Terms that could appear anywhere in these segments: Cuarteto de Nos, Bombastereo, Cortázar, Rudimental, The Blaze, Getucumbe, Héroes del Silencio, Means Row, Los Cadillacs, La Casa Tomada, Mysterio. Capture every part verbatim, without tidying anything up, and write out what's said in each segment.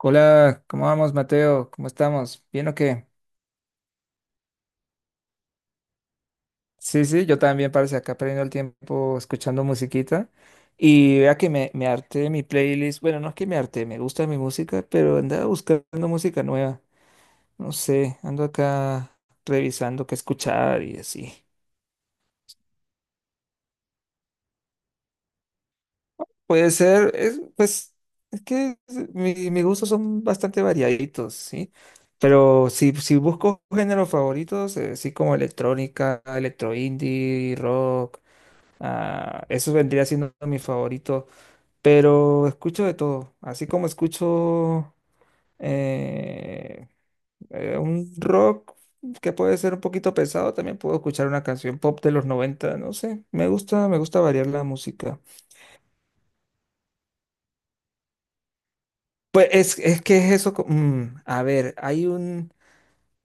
Hola, ¿cómo vamos, Mateo? ¿Cómo estamos? ¿Bien o qué? Sí, sí, yo también parece acá perdiendo el tiempo escuchando musiquita. Y vea que me, me harté mi playlist. Bueno, no es que me harté, me gusta mi música, pero andaba buscando música nueva. No sé, ando acá revisando qué escuchar y así. Puede ser, es, pues, es que es- mi- mis gustos son bastante variaditos, ¿sí? Pero si, si busco géneros favoritos, eh, sí como electrónica, electro indie, rock. Ah, eso vendría siendo mi favorito, pero escucho de todo, así como escucho eh, eh, un rock que puede ser un poquito pesado, también puedo escuchar una canción pop de los noventa, no sé, me gusta, me gusta variar la música. Pues es, es que es eso, co- mm, a ver, hay un,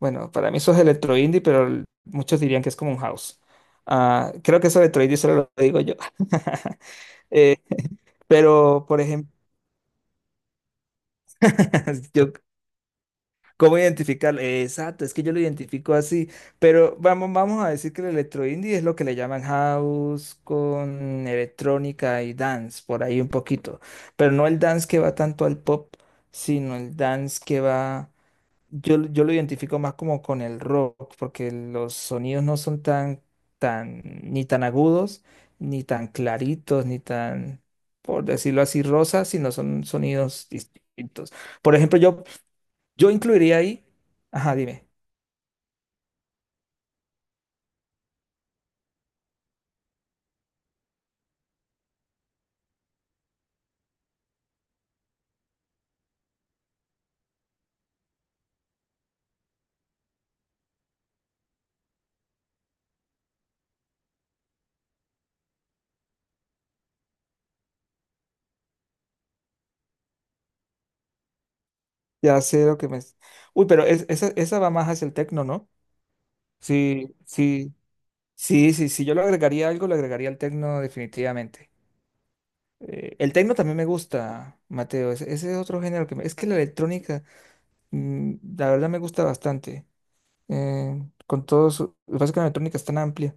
bueno, para mí eso es electro indie, pero l- muchos dirían que es como un house. Ah, creo que eso electro indie solo lo digo yo. Eh, pero, por ejemplo, ¿Cómo identificarlo? Exacto, es que yo lo identifico así, pero vamos, vamos a decir que el electro indie es lo que le llaman house con electrónica y dance, por ahí un poquito, pero no el dance que va tanto al pop, sino el dance que va, yo, lo- yo lo identifico más como con el rock, porque los sonidos no son tan, tan, ni tan agudos, ni tan claritos, ni tan, por decirlo así, rosas, sino son sonidos distintos. Por ejemplo, yo... Yo incluiría ahí. Ajá, dime. Ya sé lo que me. Uy, pero es- esa, esa va más hacia el tecno, ¿no? Sí, sí, sí, sí. Si yo le agregaría algo, le agregaría el tecno definitivamente. Eh, el tecno también me gusta, Mateo. Ese, ese es otro género que me... Es que la electrónica, mm, la verdad me gusta bastante. Eh, con todo su... Lo que pasa es que la electrónica es tan amplia,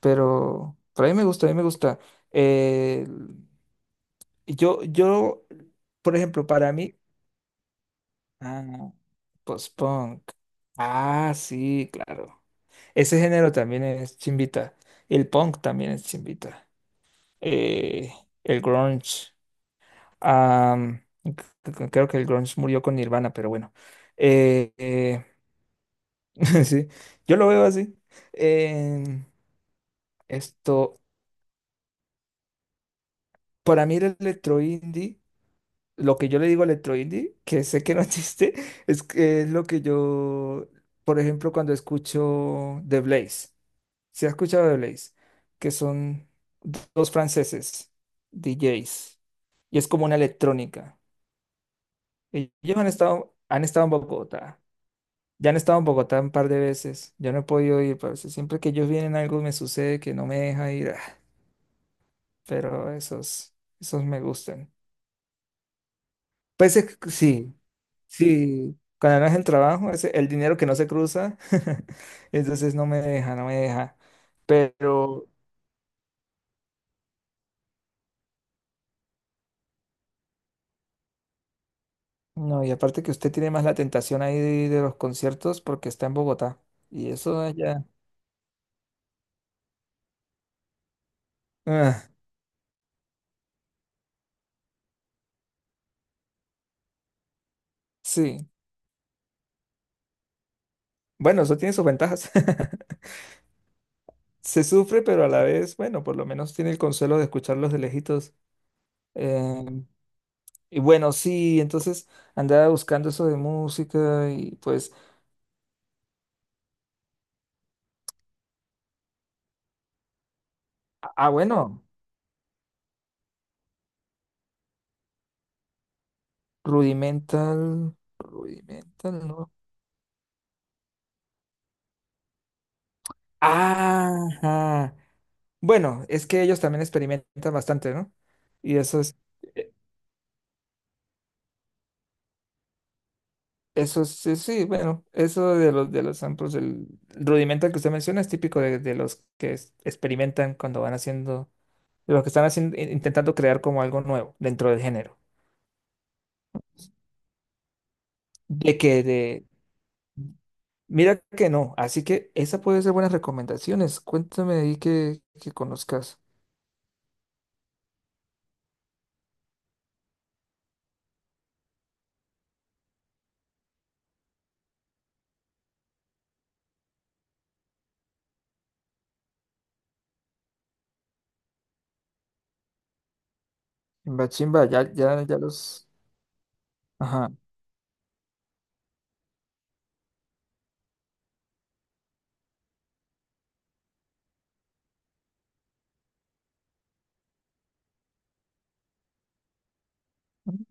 pero... Pero a mí me gusta, a mí me gusta. Eh, yo, yo, por ejemplo, para mí... Ah, no. Post-punk. Ah, sí, claro. Ese género también es chimbita. El punk también es chimbita. Eh, el grunge. am, c- c- creo que el grunge murió con Nirvana, pero bueno. Eh, eh, sí, yo lo veo así. Em, esto, para mí el electro indie, lo que yo le digo electro indie, que sé que no existe, es, que es lo que yo, por ejemplo, cuando escucho The Blaze. ¿Se ha escuchado de Blaze, que son dos franceses, D Js, y es como una electrónica? Ellos han estado, han estado en Bogotá, ya han estado en Bogotá un par de veces, yo no he podido ir, pero si siempre que ellos vienen algo me sucede que no me deja ir, ah, pero esos, esos me gustan. Pues es que sí, sí, cuando no es el trabajo, es el dinero que no se cruza, entonces no me deja, no me deja, pero... No, y aparte que usted tiene más la tentación ahí de, de los conciertos porque está en Bogotá. Y eso ya. Ah, sí. Bueno, eso tiene sus ventajas. Se sufre, pero a la vez, bueno, por lo menos tiene el consuelo de escucharlos de lejitos. Eh, y bueno, sí, entonces andaba buscando eso de música y pues. Ah, ah, bueno, Rudimental. Rudimental, ¿no? Ajá. Bueno, es que ellos también experimentan bastante, ¿no? Y eso es. eh, Eso sí, sí, bueno, eso de los de los samples, el rudimento que usted menciona es típico de, de los que es- experimentan cuando van haciendo, de los que están haciendo, in- intentando crear como algo nuevo dentro del género. De que de, mira que no, así que esa puede ser buenas recomendaciones. Cuéntame ahí que, que conozcas. Chimba, chimba, ya, ya, ya los. Ajá.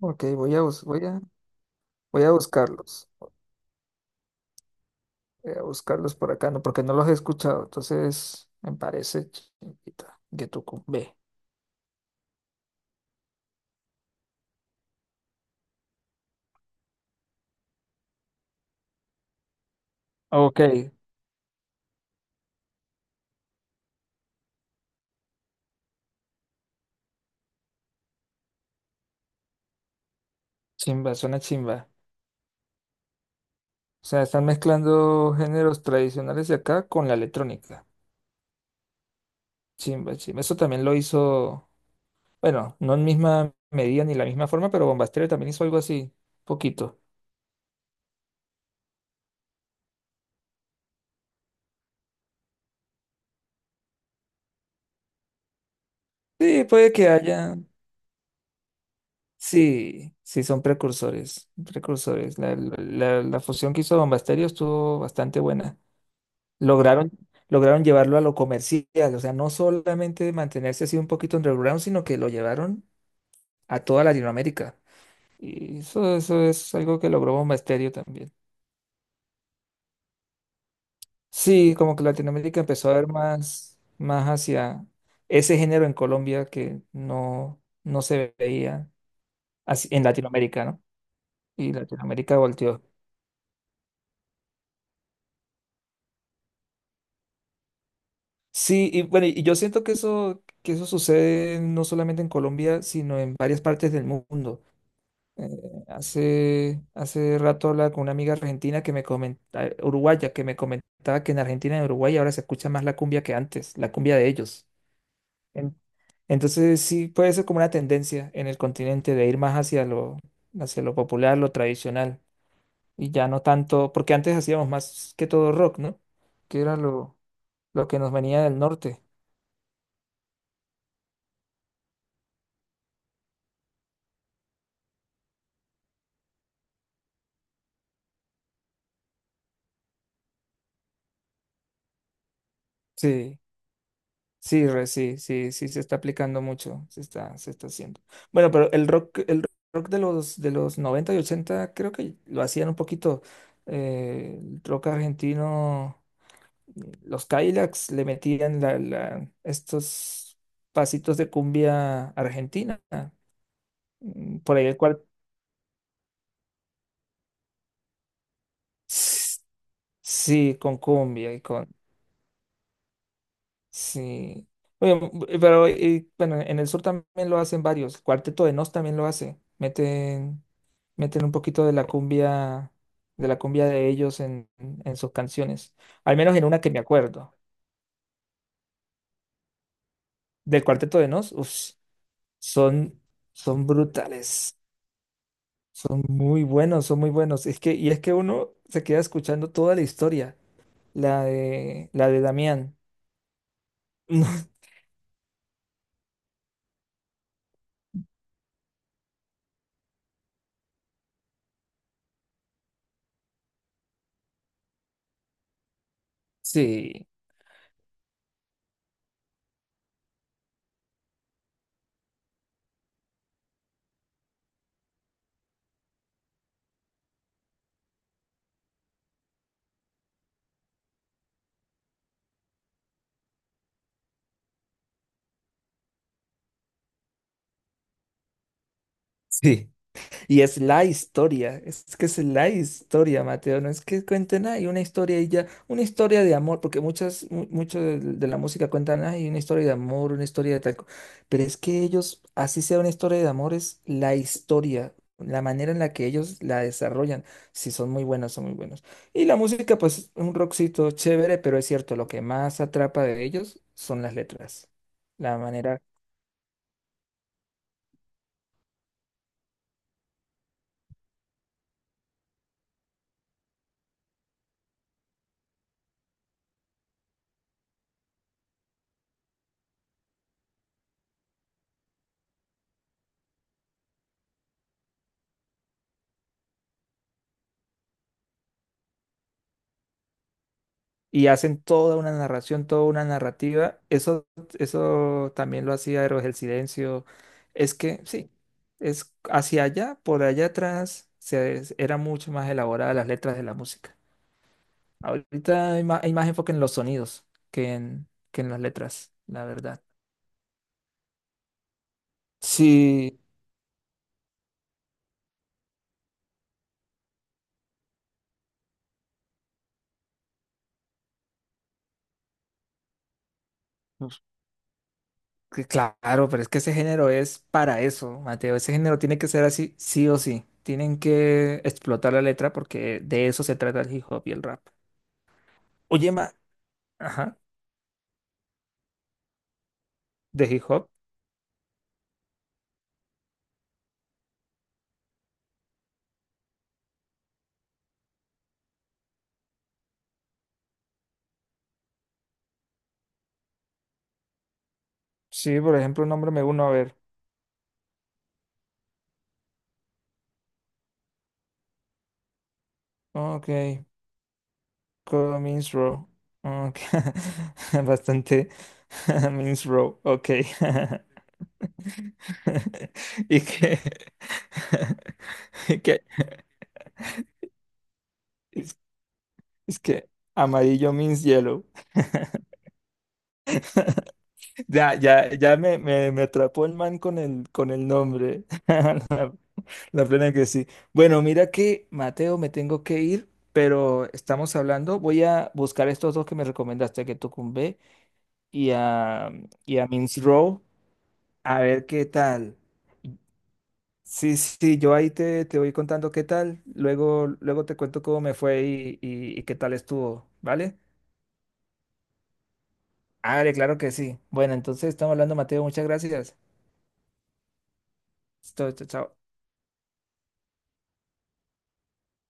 Ok, voy a bus- voy a, voy a buscarlos. Voy a buscarlos por acá, no, porque no los he escuchado. Entonces, me parece chimbita, Getucumbe. Ok, chimba, suena chimba. O sea, están mezclando géneros tradicionales de acá con la electrónica. Chimba, chimba. Eso también lo hizo, bueno, no en misma medida ni la misma forma, pero Bombastereo también hizo algo así, poquito. Sí, puede que haya. Sí, sí, son precursores, precursores. La, la- la- la fusión que hizo Bombastereo estuvo bastante buena. Lograron, lograron llevarlo a lo comercial, o sea, no solamente mantenerse así un poquito underground, sino que lo llevaron a toda Latinoamérica. Y eso, eso es algo que logró un Mysterio también. Sí, como que Latinoamérica empezó a ver más, más hacia ese género en Colombia que no, no se veía así, en Latinoamérica, ¿no? Y Latinoamérica volteó. Sí, y bueno, y yo siento que eso, que eso sucede no solamente en Colombia, sino en varias partes del mundo. Eh, hace, hace rato hablaba con una amiga argentina que me comentaba, uruguaya, que me comentaba que en Argentina y en Uruguay ahora se escucha más la cumbia que antes, la cumbia de ellos. En- Entonces sí puede ser como una tendencia en el continente de ir más hacia lo, hacia lo popular, lo tradicional, y ya no tanto, porque antes hacíamos más que todo rock, ¿no? Que era lo, lo que nos venía del norte. Sí, sí, re, sí, sí, sí, se está aplicando mucho, se está, se está haciendo. Bueno, pero el rock, el rock de los, de los noventa y ochenta creo que lo hacían un poquito, eh, el rock argentino. Los Cadillacs le metían la, la- estos pasitos de cumbia argentina, mm, por ahí el cual, s- sí, con cumbia y con, sí. Oye, m- pero y, bueno, en el sur también lo hacen varios, el Cuarteto de Nos también lo hace, meten, meten un poquito de la cumbia, de la cumbia de ellos en, en sus canciones, al menos en una que me acuerdo, del Cuarteto de Nos, uf, son, son brutales. Son muy buenos, son muy buenos. Es que, y es que uno se queda escuchando toda la historia, la de, la de Damián. Sí, sí. Y es la historia, es que es la historia, Mateo, no es que cuenten, hay una historia y ya, una historia de amor, porque muchas, mu- mucho de, de la música cuentan, hay una historia de amor, una historia de tal, co-". Pero es que ellos, así sea una historia de amor, es la historia, la manera en la que ellos la desarrollan, si son muy buenos, son muy buenos. Y la música, pues, un rockcito chévere, pero es cierto, lo que más atrapa de ellos son las letras, la manera. Y hacen toda una narración, toda una narrativa. Eso, eso también lo hacía Héroes del Silencio. Es que sí, es hacia allá, por allá atrás, se, es- era mucho más elaborada las letras de la música. Ahorita hay más, hay más enfoque en los sonidos que en, que en las letras, la verdad. Sí, pues, que claro, pero es que ese género es para eso, Mateo. Ese género tiene que ser así, sí o sí. Tienen que explotar la letra porque de eso se trata el hip hop y el rap. Oye, Ma, Ajá. De hip hop. Sí, por ejemplo, nómbrame uno, a ver. Ok, means Row. Ok. Bastante. Means Row. Ok. Y que. y que- Es, es que amarillo means yellow. Ya, ya, ya me, me, me atrapó el man con el, con el nombre. La plena que sí. Bueno, mira que Mateo, me tengo que ir, pero estamos hablando. Voy a buscar estos dos que me recomendaste, que Tucumbe y a, y a Mince Row a ver qué tal. Sí, sí, yo ahí te, te voy contando qué tal. Luego, luego te cuento cómo me fue y, y, y qué tal estuvo, ¿vale? Vale, claro que sí. Bueno, entonces estamos hablando, Mateo. Muchas gracias. Chao, chao. Chao.